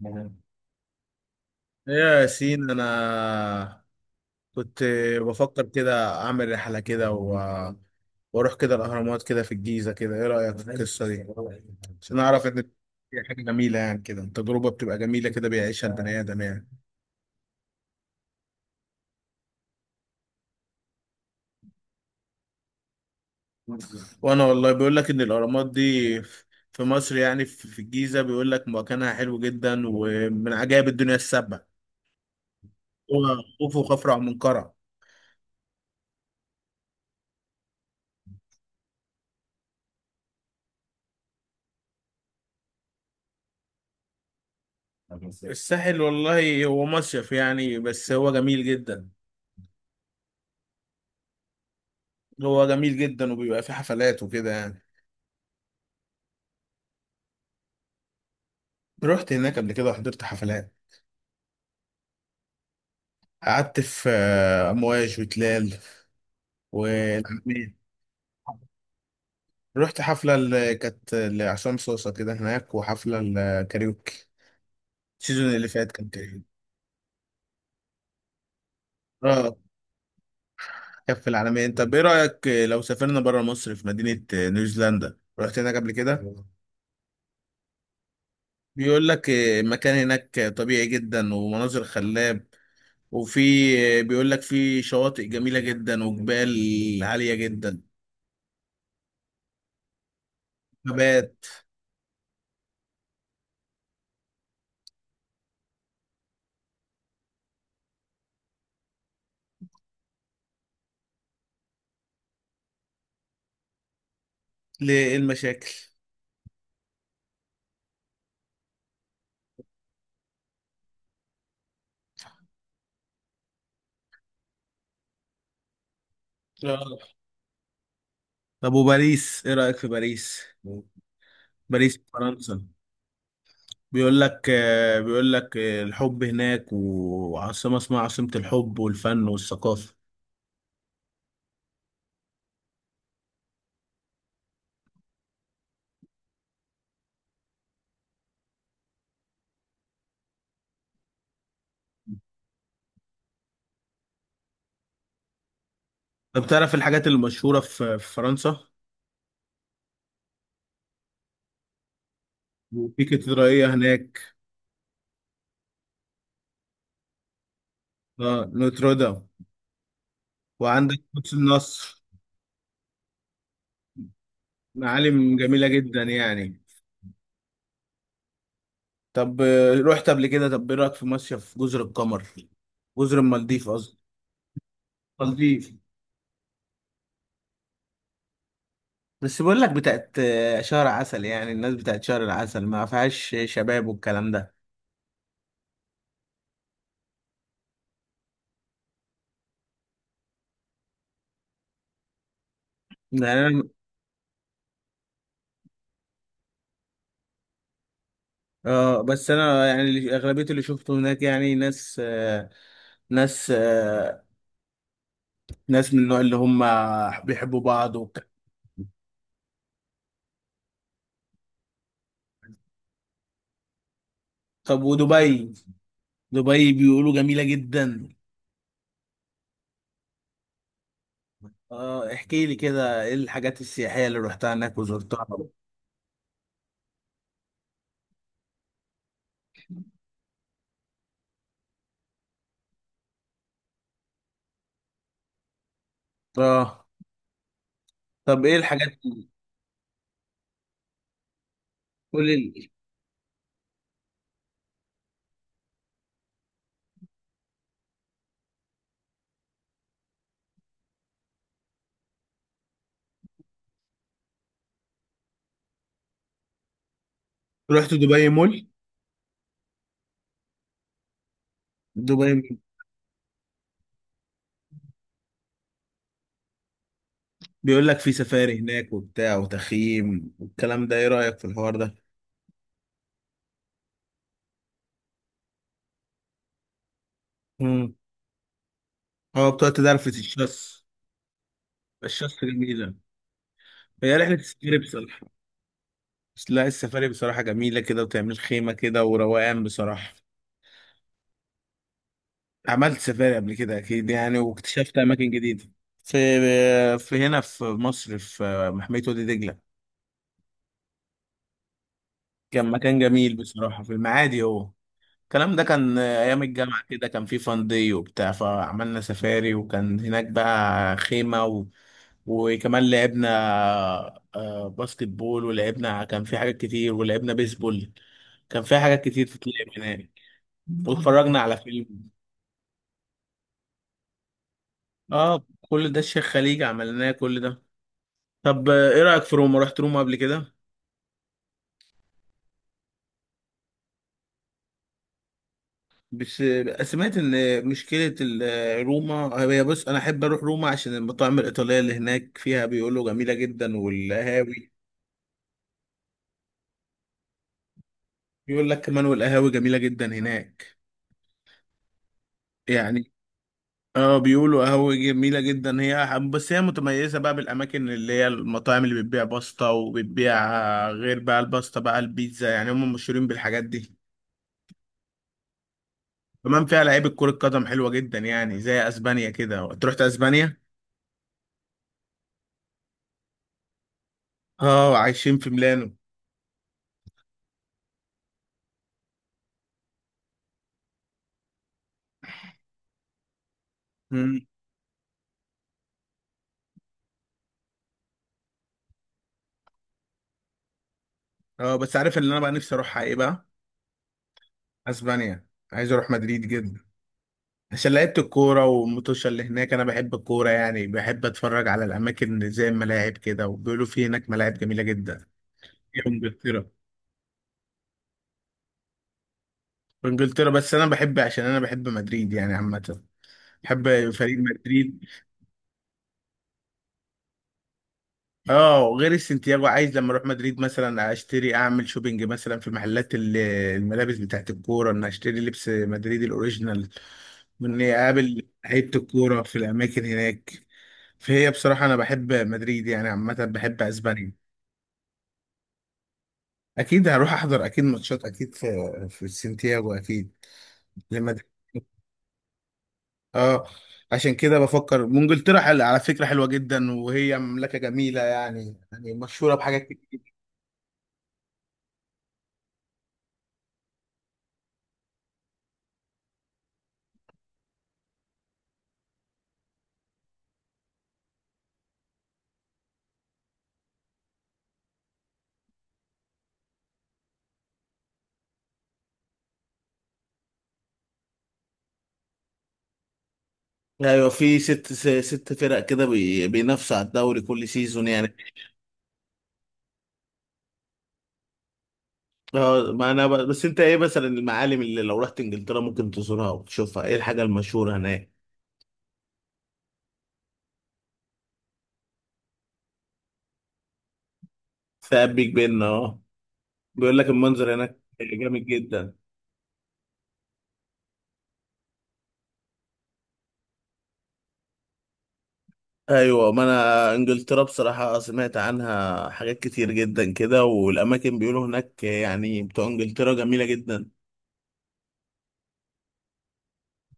مهم. إيه يا ياسين، انا كنت بفكر كده اعمل رحله كده واروح كده الاهرامات كده في الجيزه. كده ايه رايك في القصه دي؟ عشان اعرف ان هي حاجه جميله، يعني كده تجربه بتبقى جميله كده بيعيشها البني ادم يعني. وانا والله بيقول لك ان الاهرامات دي في مصر، يعني في الجيزه، بيقول لك مكانها حلو جدا ومن عجائب الدنيا السبع: هو خوف وخفرع ومنقرع. الساحل والله هو مصيف يعني، بس هو جميل جدا. هو جميل جدا وبيبقى فيه حفلات وكده يعني. رحت هناك قبل كده وحضرت حفلات. قعدت في امواج وتلال والعلمين. رحت حفلة اللي كانت لعصام صوصة كده هناك، وحفلة الكاريوكي. السيزون اللي فات كان كاريوكي. اه. كان في العالمين. طب ايه رأيك لو سافرنا بره مصر في مدينة نيوزيلندا؟ رحت هناك قبل كده؟ بيقول لك المكان هناك طبيعي جدا ومناظر خلاب. وفي بيقول لك في شواطئ جميلة جدا وجبال عالية جدا. نبات. ليه، ايه المشاكل؟ آه. طب وباريس، ايه رأيك في باريس؟ باريس في فرنسا. بيقول لك الحب هناك، وعاصمة اسمها عاصمة الحب والفن والثقافة. طب تعرف الحاجات المشهورة في فرنسا؟ في كاتدرائية هناك. اه نوتردام. وعندك قدس النصر. معالم جميلة جدا يعني. طب رحت قبل كده؟ طب ايه رأيك في مصيف جزر القمر؟ جزر المالديف قصدي. مالديف. بس بقول لك بتاعت شهر عسل، يعني الناس بتاعت شهر العسل ما فيهاش شباب والكلام ده. يعني انا اه. بس انا يعني اغلبيه اللي شفته هناك يعني ناس ناس آه، ناس من النوع اللي هم بيحبوا بعض وبتاع. طب ودبي؟ دبي بيقولوا جميله جدا. اه احكي لي كده، ايه الحاجات السياحيه اللي رحتها هناك وزرتها؟ اه. طب ايه الحاجات؟ قول لي. رحت دبي مول. دبي بيقول لك في سفاري هناك وبتاع وتخييم والكلام ده، ايه رأيك في الحوار ده؟ امم. اه بتقعد تدرفة الشص. الشص جميلة. هي رحلة السفاري بصراحة. بس لا، السفاري بصراحة جميلة كده، وتعمل خيمة كده وروقان بصراحة. عملت سفاري قبل كده أكيد يعني، واكتشفت أماكن جديدة. في هنا في مصر، في محمية وادي دجلة. كان مكان جميل بصراحة في المعادي هو. الكلام ده كان ايام الجامعه كده، كان في فان داي وبتاع، فعملنا سفاري وكان هناك بقى خيمه. وكمان لعبنا باسكت بول ولعبنا، كان في حاجات كتير ولعبنا بيسبول. كان في حاجات كتير تتلعب هناك. واتفرجنا على فيلم. اه كل ده الشيخ خليج عملناه، كل ده. طب ايه رأيك في روما؟ رحت روما قبل كده؟ بس سمعت ان مشكلة روما. هي بص، انا احب اروح روما عشان المطاعم الإيطالية اللي هناك فيها بيقولوا جميلة جدا، والقهاوي. بيقول لك كمان والقهاوي جميلة جدا هناك يعني. اه بيقولوا قهوة جميلة جدا. بس هي متميزة بقى بالأماكن اللي هي المطاعم اللي بتبيع باستا وبتبيع، غير بقى الباستا بقى البيتزا، يعني هم مشهورين بالحاجات دي. كمان فيها لعيبة كرة قدم حلوة جدا، يعني زي أسبانيا كده، تروح أسبانيا. اه عايشين في ميلانو. مم. اه بس عارف اللي أنا بقى نفسي أروحها إيه بقى؟ أسبانيا. عايز أروح مدريد جدا. عشان لعيبة الكورة والمتوشة اللي هناك. أنا بحب الكورة يعني، بحب أتفرج على الأماكن زي الملاعب كده، وبيقولوا في هناك ملاعب جميلة جدا. في إنجلترا؟ بانجلترا، بس انا بحب عشان انا بحب مدريد يعني عامه، بحب فريق مدريد. اه غير السنتياجو، عايز لما اروح مدريد مثلا اشتري، اعمل شوبينج مثلا في محلات الملابس بتاعت الكوره، ان اشتري لبس مدريد الاوريجينال، واني اقابل لعيبه الكوره في الاماكن هناك. فهي بصراحه انا بحب مدريد يعني عامه، بحب اسبانيا. اكيد هروح احضر اكيد ماتشات، اكيد في السنتياجو اكيد لما. اه. عشان كده بفكر. وانجلترا على فكرة حلوة جدا، وهي مملكة جميلة يعني، يعني مشهورة بحاجات كتير. ايوه، في ست فرق كده بينافسوا على الدوري كل سيزون يعني. اه ما انا بس انت، ايه مثلا المعالم اللي لو رحت انجلترا ممكن تزورها وتشوفها؟ ايه الحاجة المشهورة هناك؟ ثاب بيج بن. اه بيقول لك المنظر هناك جامد جدا. ايوه ما انا انجلترا بصراحه سمعت عنها حاجات كتير جدا كده، والاماكن بيقولوا هناك يعني بتوع انجلترا جميله جدا.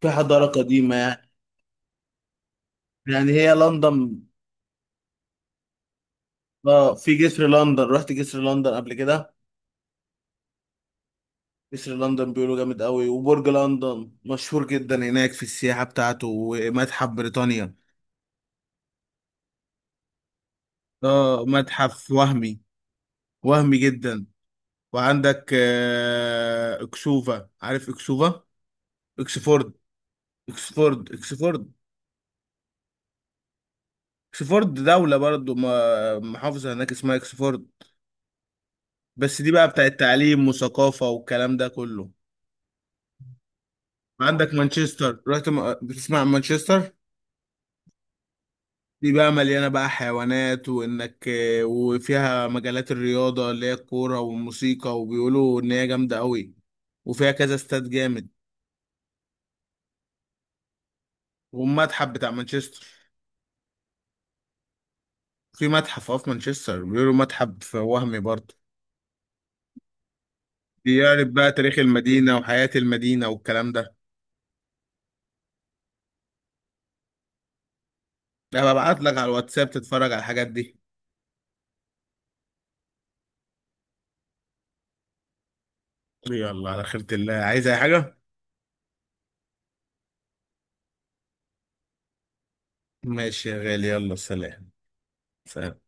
في حضارة قديمة. يعني هي لندن. اه في جسر لندن. رحت جسر لندن قبل كده؟ جسر لندن بيقولوا جامد قوي، وبرج لندن مشهور جدا هناك في السياحة بتاعته، ومتحف بريطانيا. اه متحف وهمي، وهمي جدا. وعندك اكسوفا، عارف اكسوفا؟ اكسفورد. اكسفورد. اكسفورد اكسفورد دولة برضو، محافظة هناك اسمها اكسفورد. بس دي بقى بتاعت تعليم وثقافة والكلام ده كله. عندك مانشستر، رحت بتسمع عن مانشستر؟ دي بقى مليانة بقى حيوانات، وفيها مجالات الرياضة اللي هي الكورة والموسيقى، وبيقولوا إن هي جامدة قوي، وفيها كذا استاد جامد. والمتحف بتاع مانشستر، في متحف، اه في مانشستر بيقولوا متحف وهمي برضه. بيعرف بقى تاريخ المدينة وحياة المدينة والكلام ده. أنا ببعت لك على الواتساب تتفرج على الحاجات دي. يلا على خيرة الله، عايز أي حاجة؟ ماشي يا غالي، يلا سلام. سلام.